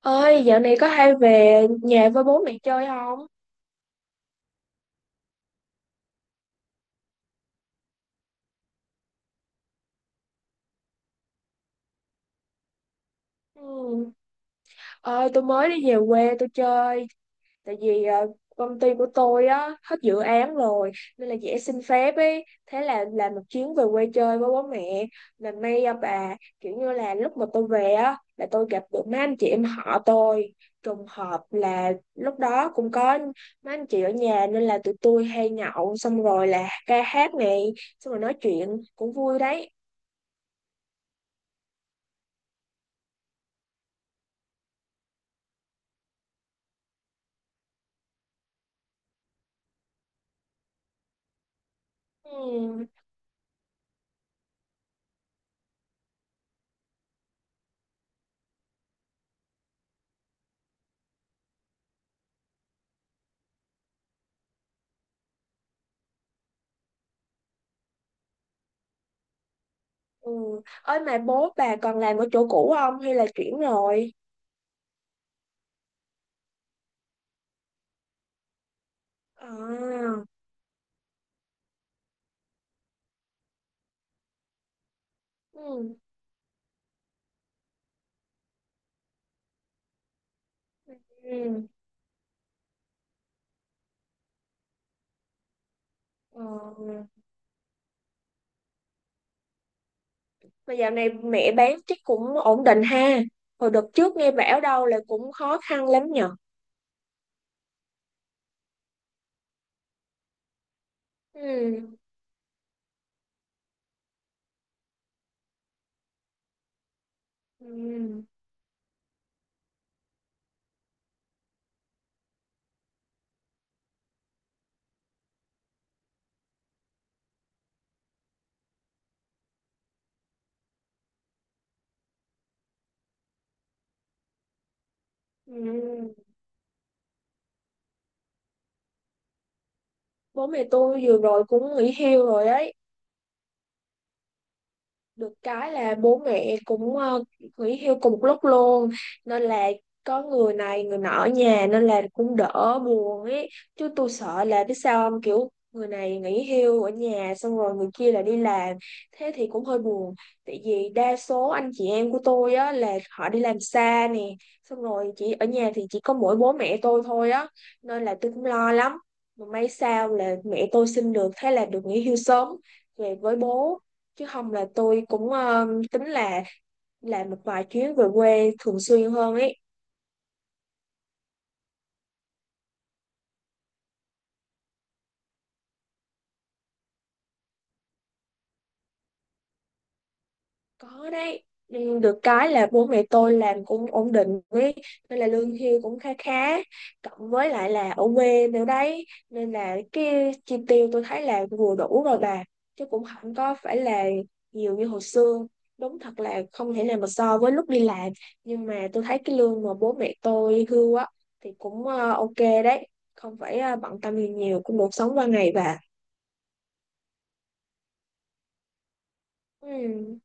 Ơi, dạo này có hay về nhà với bố mẹ chơi không? Ừ. Ơi, tôi mới đi về quê tôi chơi, tại vì công ty của tôi á hết dự án rồi, nên là dễ xin phép ấy, thế là làm một chuyến về quê chơi với bố mẹ. Mà may à bà, kiểu như là lúc mà tôi về á là tôi gặp được mấy anh chị em họ tôi. Trùng hợp là lúc đó cũng có mấy anh chị ở nhà, nên là tụi tôi hay nhậu, xong rồi là ca hát này, xong rồi nói chuyện cũng vui đấy. Ừ. Ừ. Ơi mà bố bà còn làm ở chỗ cũ không hay là chuyển rồi? À. Ừ. Ừ. Ờ. Mà dạo này mẹ bán chắc cũng ổn định ha. Hồi đợt trước nghe bảo đâu là cũng khó khăn lắm nhở. Ừ. Ừ. Ừ. Bố mẹ tôi vừa rồi cũng nghỉ hưu rồi ấy. Được cái là bố mẹ cũng nghỉ hưu cùng một lúc luôn, nên là có người này người nọ ở nhà nên là cũng đỡ buồn ấy. Chứ tôi sợ là biết sao không, kiểu người này nghỉ hưu ở nhà xong rồi người kia là đi làm, thế thì cũng hơi buồn. Tại vì đa số anh chị em của tôi á là họ đi làm xa nè, xong rồi chỉ ở nhà thì chỉ có mỗi bố mẹ tôi thôi á, nên là tôi cũng lo lắm. Mà may sao là mẹ tôi xin được, thế là được nghỉ hưu sớm về với bố, chứ không là tôi cũng tính là làm một vài chuyến về quê thường xuyên hơn ấy. Có đấy. Ừ, được cái là bố mẹ tôi làm cũng ổn định với, nên là lương hưu cũng khá khá, cộng với lại là ở quê nữa đấy, nên là cái chi tiêu tôi thấy là vừa đủ rồi bà. Chứ cũng không có phải là nhiều như hồi xưa. Đúng thật là không thể nào mà so với lúc đi làm, nhưng mà tôi thấy cái lương mà bố mẹ tôi hưu á thì cũng ok đấy, không phải bận tâm gì nhiều, cũng được sống qua ngày bà. Ừ.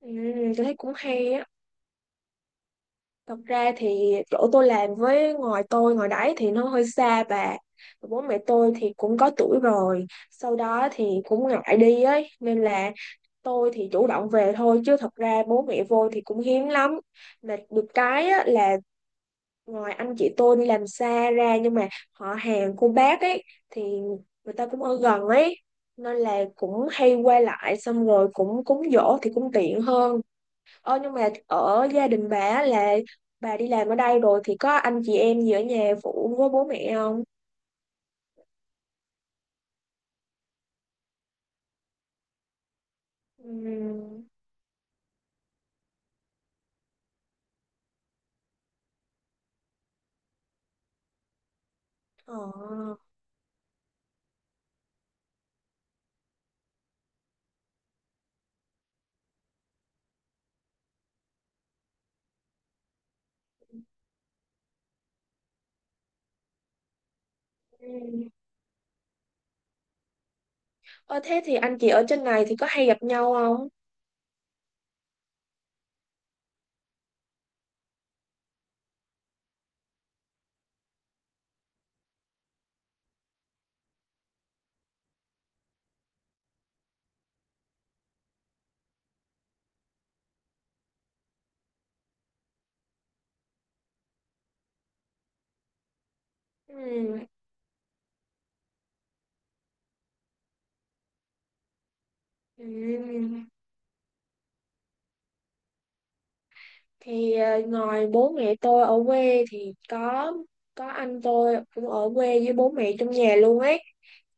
Ừ, tôi thấy cũng hay á. Thật ra thì chỗ tôi làm với ngoài tôi ngoài đấy thì nó hơi xa bà. Bố mẹ tôi thì cũng có tuổi rồi, sau đó thì cũng ngại đi ấy, nên là tôi thì chủ động về thôi, chứ thật ra bố mẹ vô thì cũng hiếm lắm. Mà được cái á, là ngoài anh chị tôi đi làm xa ra, nhưng mà họ hàng cô bác ấy, thì người ta cũng ở gần ấy, nên là cũng hay qua lại, xong rồi cũng cúng giỗ thì cũng tiện hơn. Ờ, nhưng mà ở gia đình bà á là bà đi làm ở đây rồi thì có anh chị em gì ở nhà phụ với bố mẹ không? Ừm. Ờ. Ừm. Ờ, thế thì anh chị ở trên này thì có hay gặp nhau không? Ừm. Ừm. Thì ngoài bố mẹ tôi ở quê thì có anh tôi cũng ở quê với bố mẹ trong nhà luôn ấy.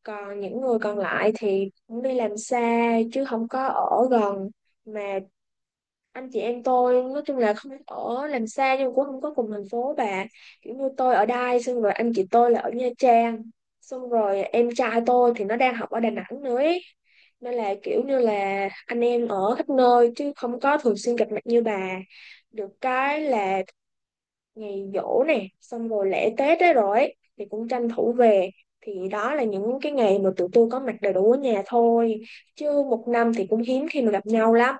Còn những người còn lại thì cũng đi làm xa, chứ không có ở gần. Mà anh chị em tôi nói chung là không ở làm xa nhưng cũng không có cùng thành phố bà, kiểu như tôi ở Đài, xong rồi anh chị tôi là ở Nha Trang, xong rồi em trai tôi thì nó đang học ở Đà Nẵng nữa ấy. Nên là kiểu như là anh em ở khắp nơi, chứ không có thường xuyên gặp mặt như bà. Được cái là ngày giỗ nè, xong rồi lễ Tết đấy rồi ấy, thì cũng tranh thủ về. Thì đó là những cái ngày mà tụi tôi có mặt đầy đủ ở nhà thôi, chứ một năm thì cũng hiếm khi mà gặp nhau lắm.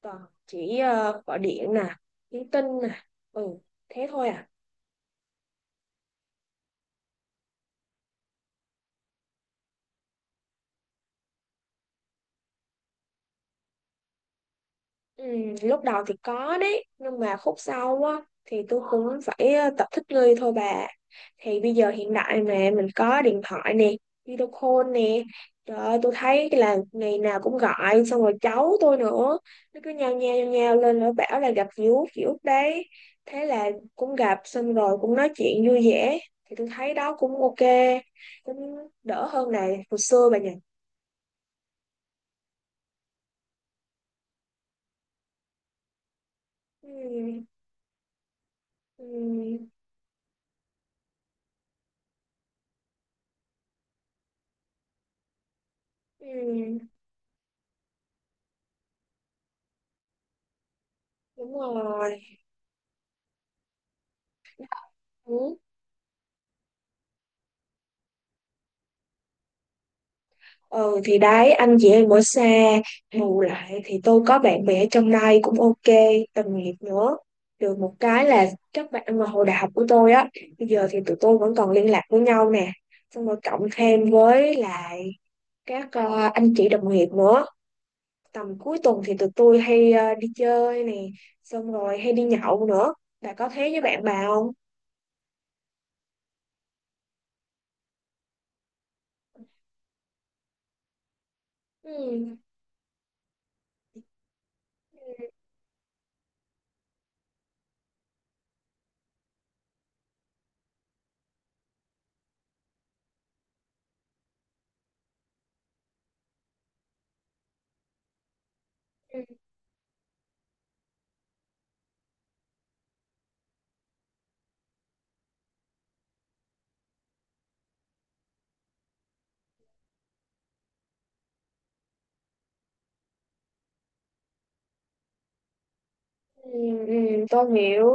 Còn chỉ gọi điện nè, nhắn tin nè. Ừ, thế thôi à. Ừ, lúc đầu thì có đấy, nhưng mà khúc sau á thì tôi cũng phải tập thích nghi thôi bà. Thì bây giờ hiện đại mà, mình có điện thoại nè, video call nè, trời ơi tôi thấy là ngày nào cũng gọi, xong rồi cháu tôi nữa, nó cứ nhao nhao nhao nhao lên, nó bảo là gặp dì út đấy, thế là cũng gặp, xong rồi cũng nói chuyện vui vẻ. Thì tôi thấy đó cũng ok, cũng đỡ hơn là hồi xưa bà nhỉ. Ừ. Ừ. Ừ, đúng rồi. Ừ. Ừ thì đấy, anh chị em ở xa, bù lại thì tôi có bạn bè ở trong đây cũng ok, đồng nghiệp nữa. Được một cái là các bạn mà hồi đại học của tôi á, bây giờ thì tụi tôi vẫn còn liên lạc với nhau nè, xong rồi cộng thêm với lại các anh chị đồng nghiệp nữa. Tầm cuối tuần thì tụi tôi hay đi chơi nè, xong rồi hay đi nhậu nữa. Bà có thế với bạn bà không? Ừ. Ừ, ừ, tôi hiểu.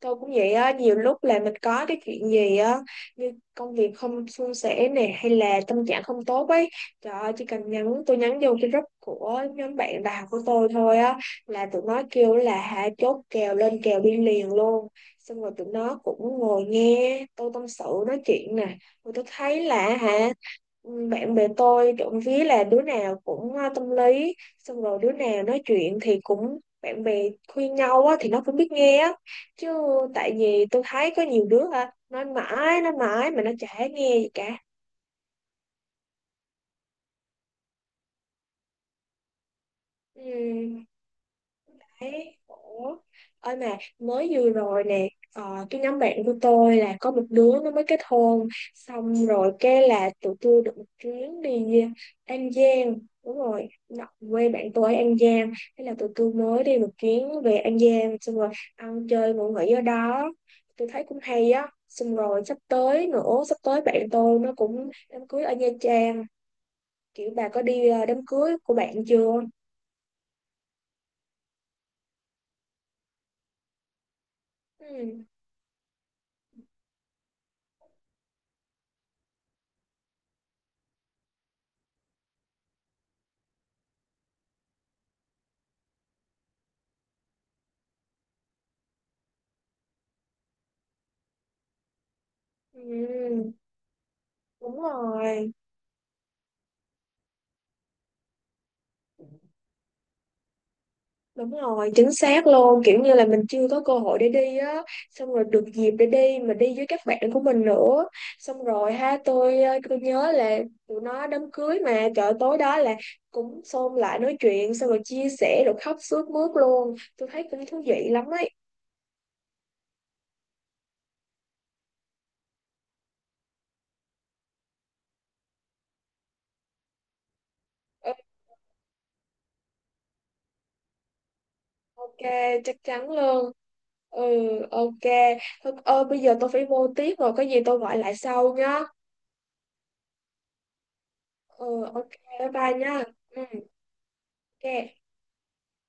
Tôi cũng vậy á, nhiều lúc là mình có cái chuyện gì á, như công việc không suôn sẻ nè, hay là tâm trạng không tốt ấy, trời ơi chỉ cần nhắn, tôi nhắn vô cái group của nhóm bạn đại học của tôi thôi á, là tụi nó kêu là hả, chốt kèo, lên kèo đi liền luôn. Xong rồi tụi nó cũng ngồi nghe tôi tâm sự nói chuyện nè, rồi tôi thấy là hả, bạn bè tôi trộm vía là đứa nào cũng tâm lý, xong rồi đứa nào nói chuyện thì cũng bạn bè khuyên nhau á, thì nó cũng biết nghe á. Chứ tại vì tôi thấy có nhiều đứa hả, nói mãi mà nó chả nghe gì cả. Ừ. Đấy, ủa. Ôi mà mới vừa rồi nè, cái nhóm bạn của tôi là có một đứa nó mới kết hôn, xong rồi cái là tụi tôi được một chuyến đi An Giang. Đúng rồi, quê bạn tôi ở An Giang, thế là tụi tôi mới đi một chuyến về An Giang, xong rồi ăn chơi ngủ nghỉ ở đó. Tôi thấy cũng hay á. Xong rồi sắp tới nữa, sắp tới bạn tôi nó cũng đám cưới ở Nha Trang. Kiểu bà có đi đám cưới của bạn chưa? Ừ. Ừ. Đúng rồi. Đúng rồi, chính xác luôn, kiểu như là mình chưa có cơ hội để đi á, xong rồi được dịp để đi, mà đi với các bạn của mình nữa. Xong rồi ha, tôi tôi nhớ là tụi nó đám cưới mà, chợ tối đó là cũng xôn lại nói chuyện, xong rồi chia sẻ rồi khóc sướt mướt luôn. Tôi thấy cũng thú vị lắm ấy. Ừ, ok, chắc chắn luôn. Ừ, ok. Thôi, bây giờ tôi phải vô tiếp rồi, có gì tôi gọi lại sau nhá. Ừ, ok, bye bye nha. Ừ, ok.